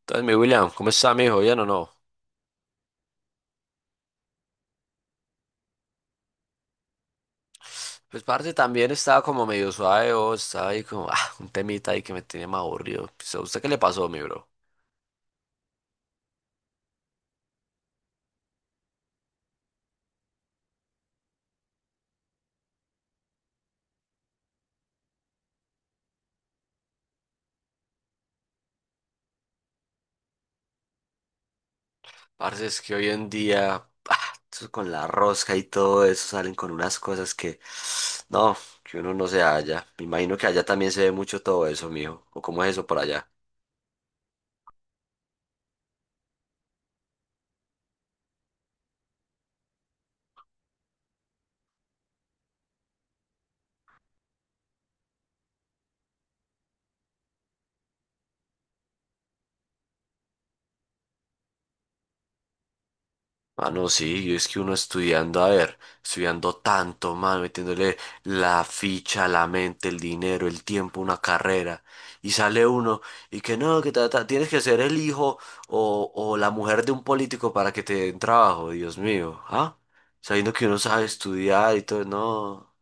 Entonces, mi William, ¿cómo está, mijo? ¿Bien o no? Pues, parce, también estaba como medio suave, o estaba ahí como, un temita ahí que me tenía más aburrido. Pues, ¿a usted qué le pasó, mi bro? Parce, es que hoy en día, eso con la rosca y todo eso salen con unas cosas que, no, que uno no se halla. Me imagino que allá también se ve mucho todo eso, mijo. ¿O cómo es eso por allá? Mano, sí, y es que uno estudiando, a ver, estudiando tanto, mano, metiéndole la ficha, la mente, el dinero, el tiempo, una carrera, y sale uno y que no, que tienes que ser el hijo o la mujer de un político para que te den trabajo, Dios mío, ¿ah? Sabiendo que uno sabe estudiar y todo, no.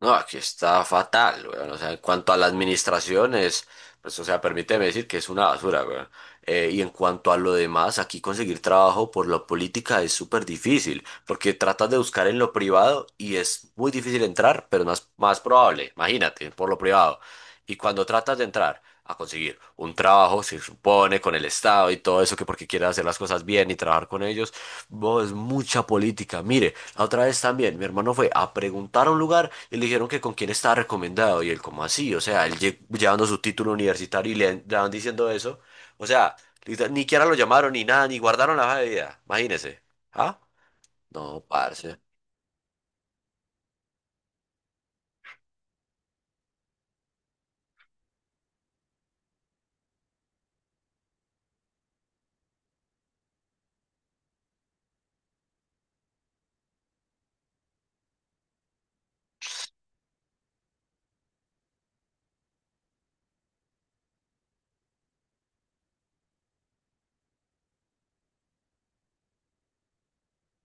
No, aquí está fatal, weón. O sea, en cuanto a la administración es, pues, o sea, permíteme decir que es una basura, weón. Y en cuanto a lo demás, aquí conseguir trabajo por la política es súper difícil, porque tratas de buscar en lo privado y es muy difícil entrar, pero más, más probable, imagínate, por lo privado. Y cuando tratas de entrar a conseguir un trabajo, se supone, con el Estado y todo eso, que porque quieres hacer las cosas bien y trabajar con ellos, vos, es mucha política. Mire. La otra vez también, mi hermano fue a preguntar a un lugar y le dijeron que con quién estaba recomendado. Y él, como así? O sea, él llevando su título universitario y le diciendo eso. O sea, literal, ni siquiera lo llamaron ni nada, ni guardaron la hoja de vida. Imagínese. ¿Ah? No, parce.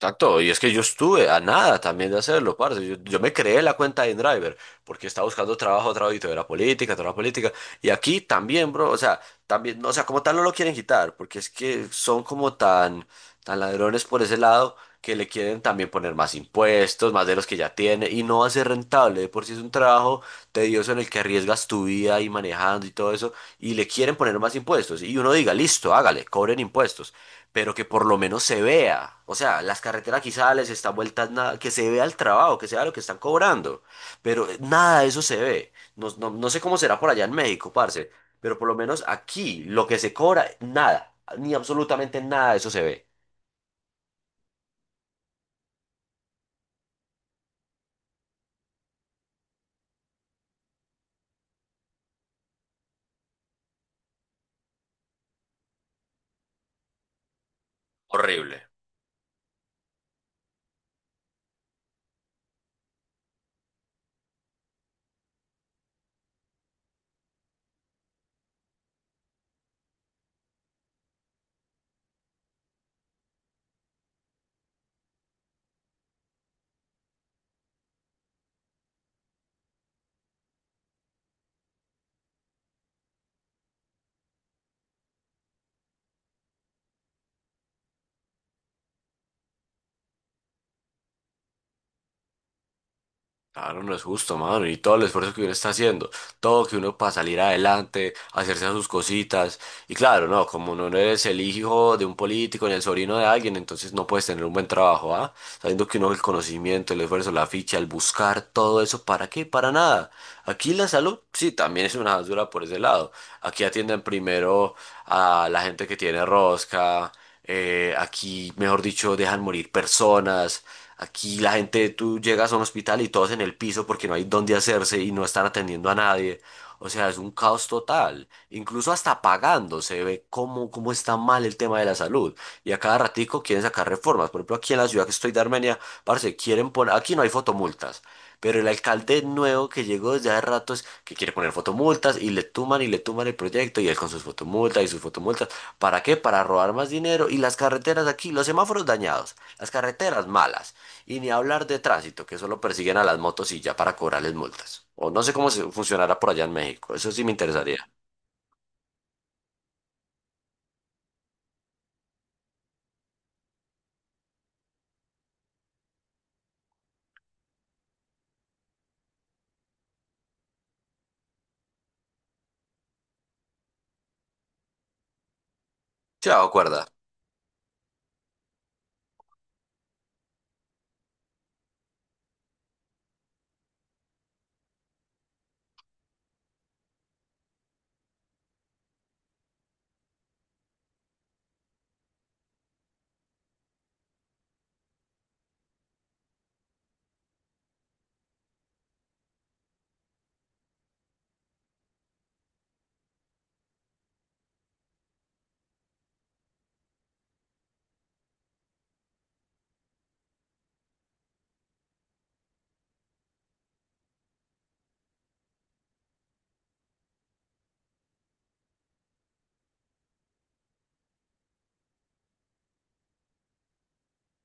Exacto, y es que yo estuve a nada también de hacerlo, parce. Yo me creé la cuenta de InDriver porque estaba buscando trabajo, trabajito y todo era política, toda la política. Y aquí también, bro, o sea, también, no, o sea, como tal no lo quieren quitar porque es que son como tan, tan ladrones por ese lado que le quieren también poner más impuestos, más de los que ya tiene y no va a ser rentable. De por si es un trabajo tedioso en el que arriesgas tu vida y manejando y todo eso y le quieren poner más impuestos. Y uno diga, listo, hágale, cobren impuestos, pero que por lo menos se vea. O sea, las carreteras quizás están vueltas nada, que se vea el trabajo, que se vea lo que están cobrando, pero nada de eso se ve. No, no, no sé cómo será por allá en México, parce, pero por lo menos aquí lo que se cobra, nada, ni absolutamente nada de eso se ve. Horrible. Claro, no es justo, mano. Y todo el esfuerzo que uno está haciendo, todo que uno para salir adelante, hacerse sus cositas. Y claro, no, como no eres el hijo de un político ni el sobrino de alguien, entonces no puedes tener un buen trabajo, ¿ah? Sabiendo que uno el conocimiento, el esfuerzo, la ficha, el buscar, todo eso, ¿para qué? Para nada. Aquí la salud, sí, también es una basura por ese lado. Aquí atienden primero a la gente que tiene rosca, aquí, mejor dicho, dejan morir personas, aquí la gente, tú llegas a un hospital y todos en el piso porque no hay dónde hacerse y no están atendiendo a nadie. O sea, es un caos total. Incluso hasta pagando se ve cómo, cómo está mal el tema de la salud. Y a cada ratico quieren sacar reformas. Por ejemplo, aquí en la ciudad que estoy de Armenia, parce, quieren poner, aquí no hay fotomultas. Pero el alcalde nuevo que llegó desde hace ratos que quiere poner fotomultas y le tuman el proyecto y él con sus fotomultas y sus fotomultas. ¿Para qué? Para robar más dinero y las carreteras aquí, los semáforos dañados, las carreteras malas y ni hablar de tránsito que solo persiguen a las motos y ya para cobrarles multas. O no sé cómo funcionará por allá en México, eso sí me interesaría. Chao acuerda.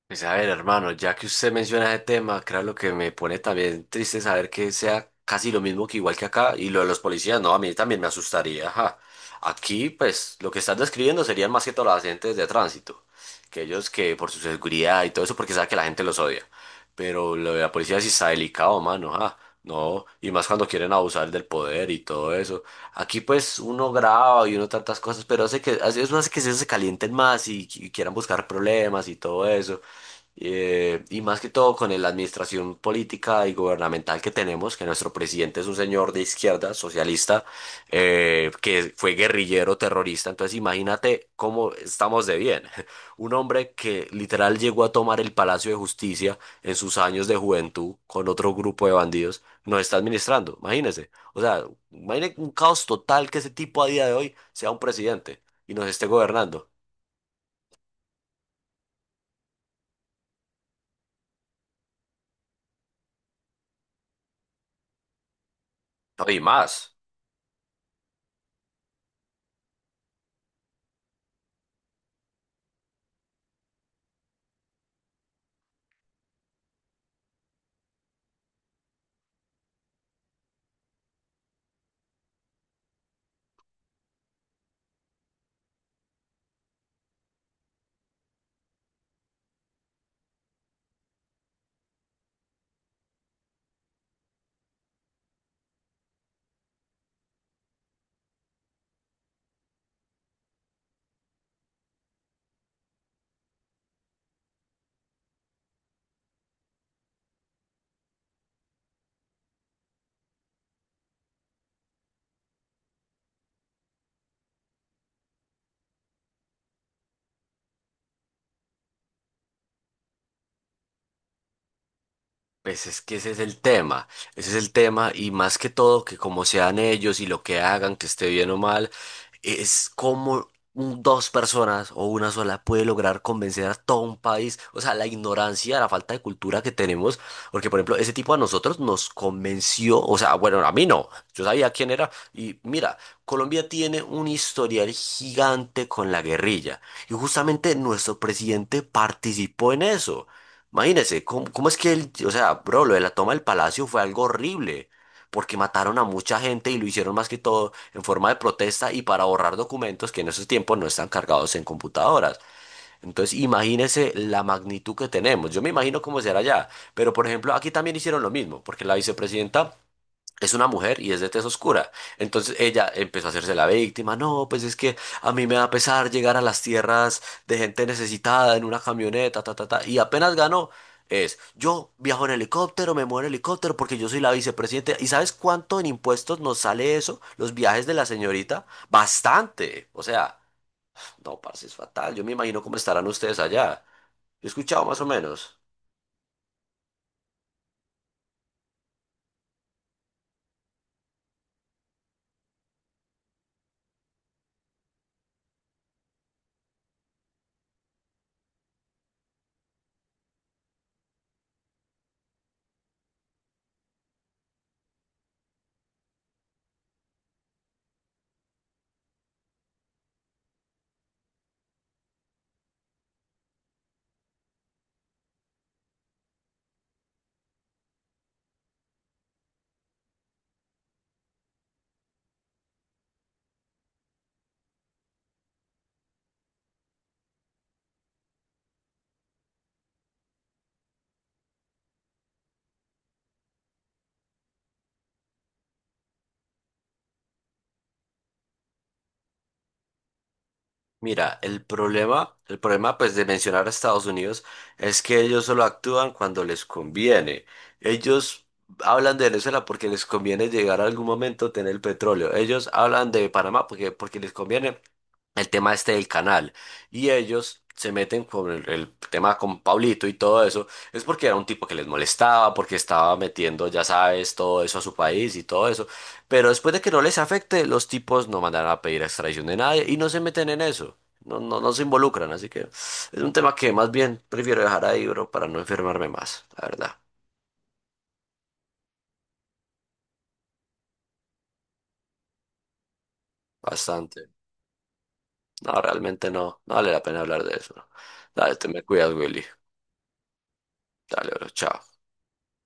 Pues a ver, hermano, ya que usted menciona ese tema, claro, lo que me pone también triste es saber que sea casi lo mismo que igual que acá y lo de los policías, no, a mí también me asustaría, ajá. Aquí, pues, lo que estás describiendo serían más que todo los agentes de tránsito, que ellos que por su seguridad y todo eso, porque sabe que la gente los odia. Pero lo de la policía sí está delicado, mano, ajá. No, y más cuando quieren abusar del poder y todo eso. Aquí pues uno graba y uno tantas cosas, pero hace que, eso hace que se calienten más y quieran buscar problemas y todo eso. Y más que todo con la administración política y gubernamental que tenemos, que nuestro presidente es un señor de izquierda, socialista, que fue guerrillero terrorista. Entonces imagínate cómo estamos de bien. Un hombre que literal llegó a tomar el Palacio de Justicia en sus años de juventud con otro grupo de bandidos, nos está administrando. Imagínese. O sea, imagínese un caos total que ese tipo a día de hoy sea un presidente y nos esté gobernando. No, y más. Pues es que ese es el tema, ese es el tema y más que todo que como sean ellos y lo que hagan, que esté bien o mal, es como dos personas o una sola puede lograr convencer a todo un país, o sea, la ignorancia, la falta de cultura que tenemos, porque por ejemplo, ese tipo a nosotros nos convenció, o sea, bueno, a mí no, yo sabía quién era y mira, Colombia tiene un historial gigante con la guerrilla y justamente nuestro presidente participó en eso. Imagínese, ¿cómo, cómo es que él, o sea, bro, lo de la toma del palacio fue algo horrible, porque mataron a mucha gente y lo hicieron más que todo en forma de protesta y para borrar documentos que en esos tiempos no están cargados en computadoras. Entonces, imagínese la magnitud que tenemos. Yo me imagino cómo será allá, pero por ejemplo, aquí también hicieron lo mismo, porque la vicepresidenta es una mujer y es de tez oscura. Entonces ella empezó a hacerse la víctima. No, pues es que a mí me da pesar llegar a las tierras de gente necesitada en una camioneta, ta, ta, ta. Y apenas ganó, es yo viajo en helicóptero, me muevo en helicóptero porque yo soy la vicepresidenta. ¿Y sabes cuánto en impuestos nos sale eso? Los viajes de la señorita. Bastante. O sea, no, parce, es fatal. Yo me imagino cómo estarán ustedes allá. Yo he escuchado más o menos. Mira, el problema pues de mencionar a Estados Unidos es que ellos solo actúan cuando les conviene. Ellos hablan de Venezuela porque les conviene llegar a algún momento a tener el petróleo. Ellos hablan de Panamá porque, porque les conviene el tema este del canal. Y ellos se meten con el tema con Pablito y todo eso. Es porque era un tipo que les molestaba, porque estaba metiendo, ya sabes, todo eso a su país y todo eso. Pero después de que no les afecte, los tipos no mandan a pedir extradición de nadie y no se meten en eso. No, no, no se involucran, así que es un tema que más bien prefiero dejar ahí, bro, para no enfermarme más, la verdad. Bastante. No, realmente no, no vale la pena hablar de eso, bro. Dale, te me cuidas, Willy. Dale, bro, chao.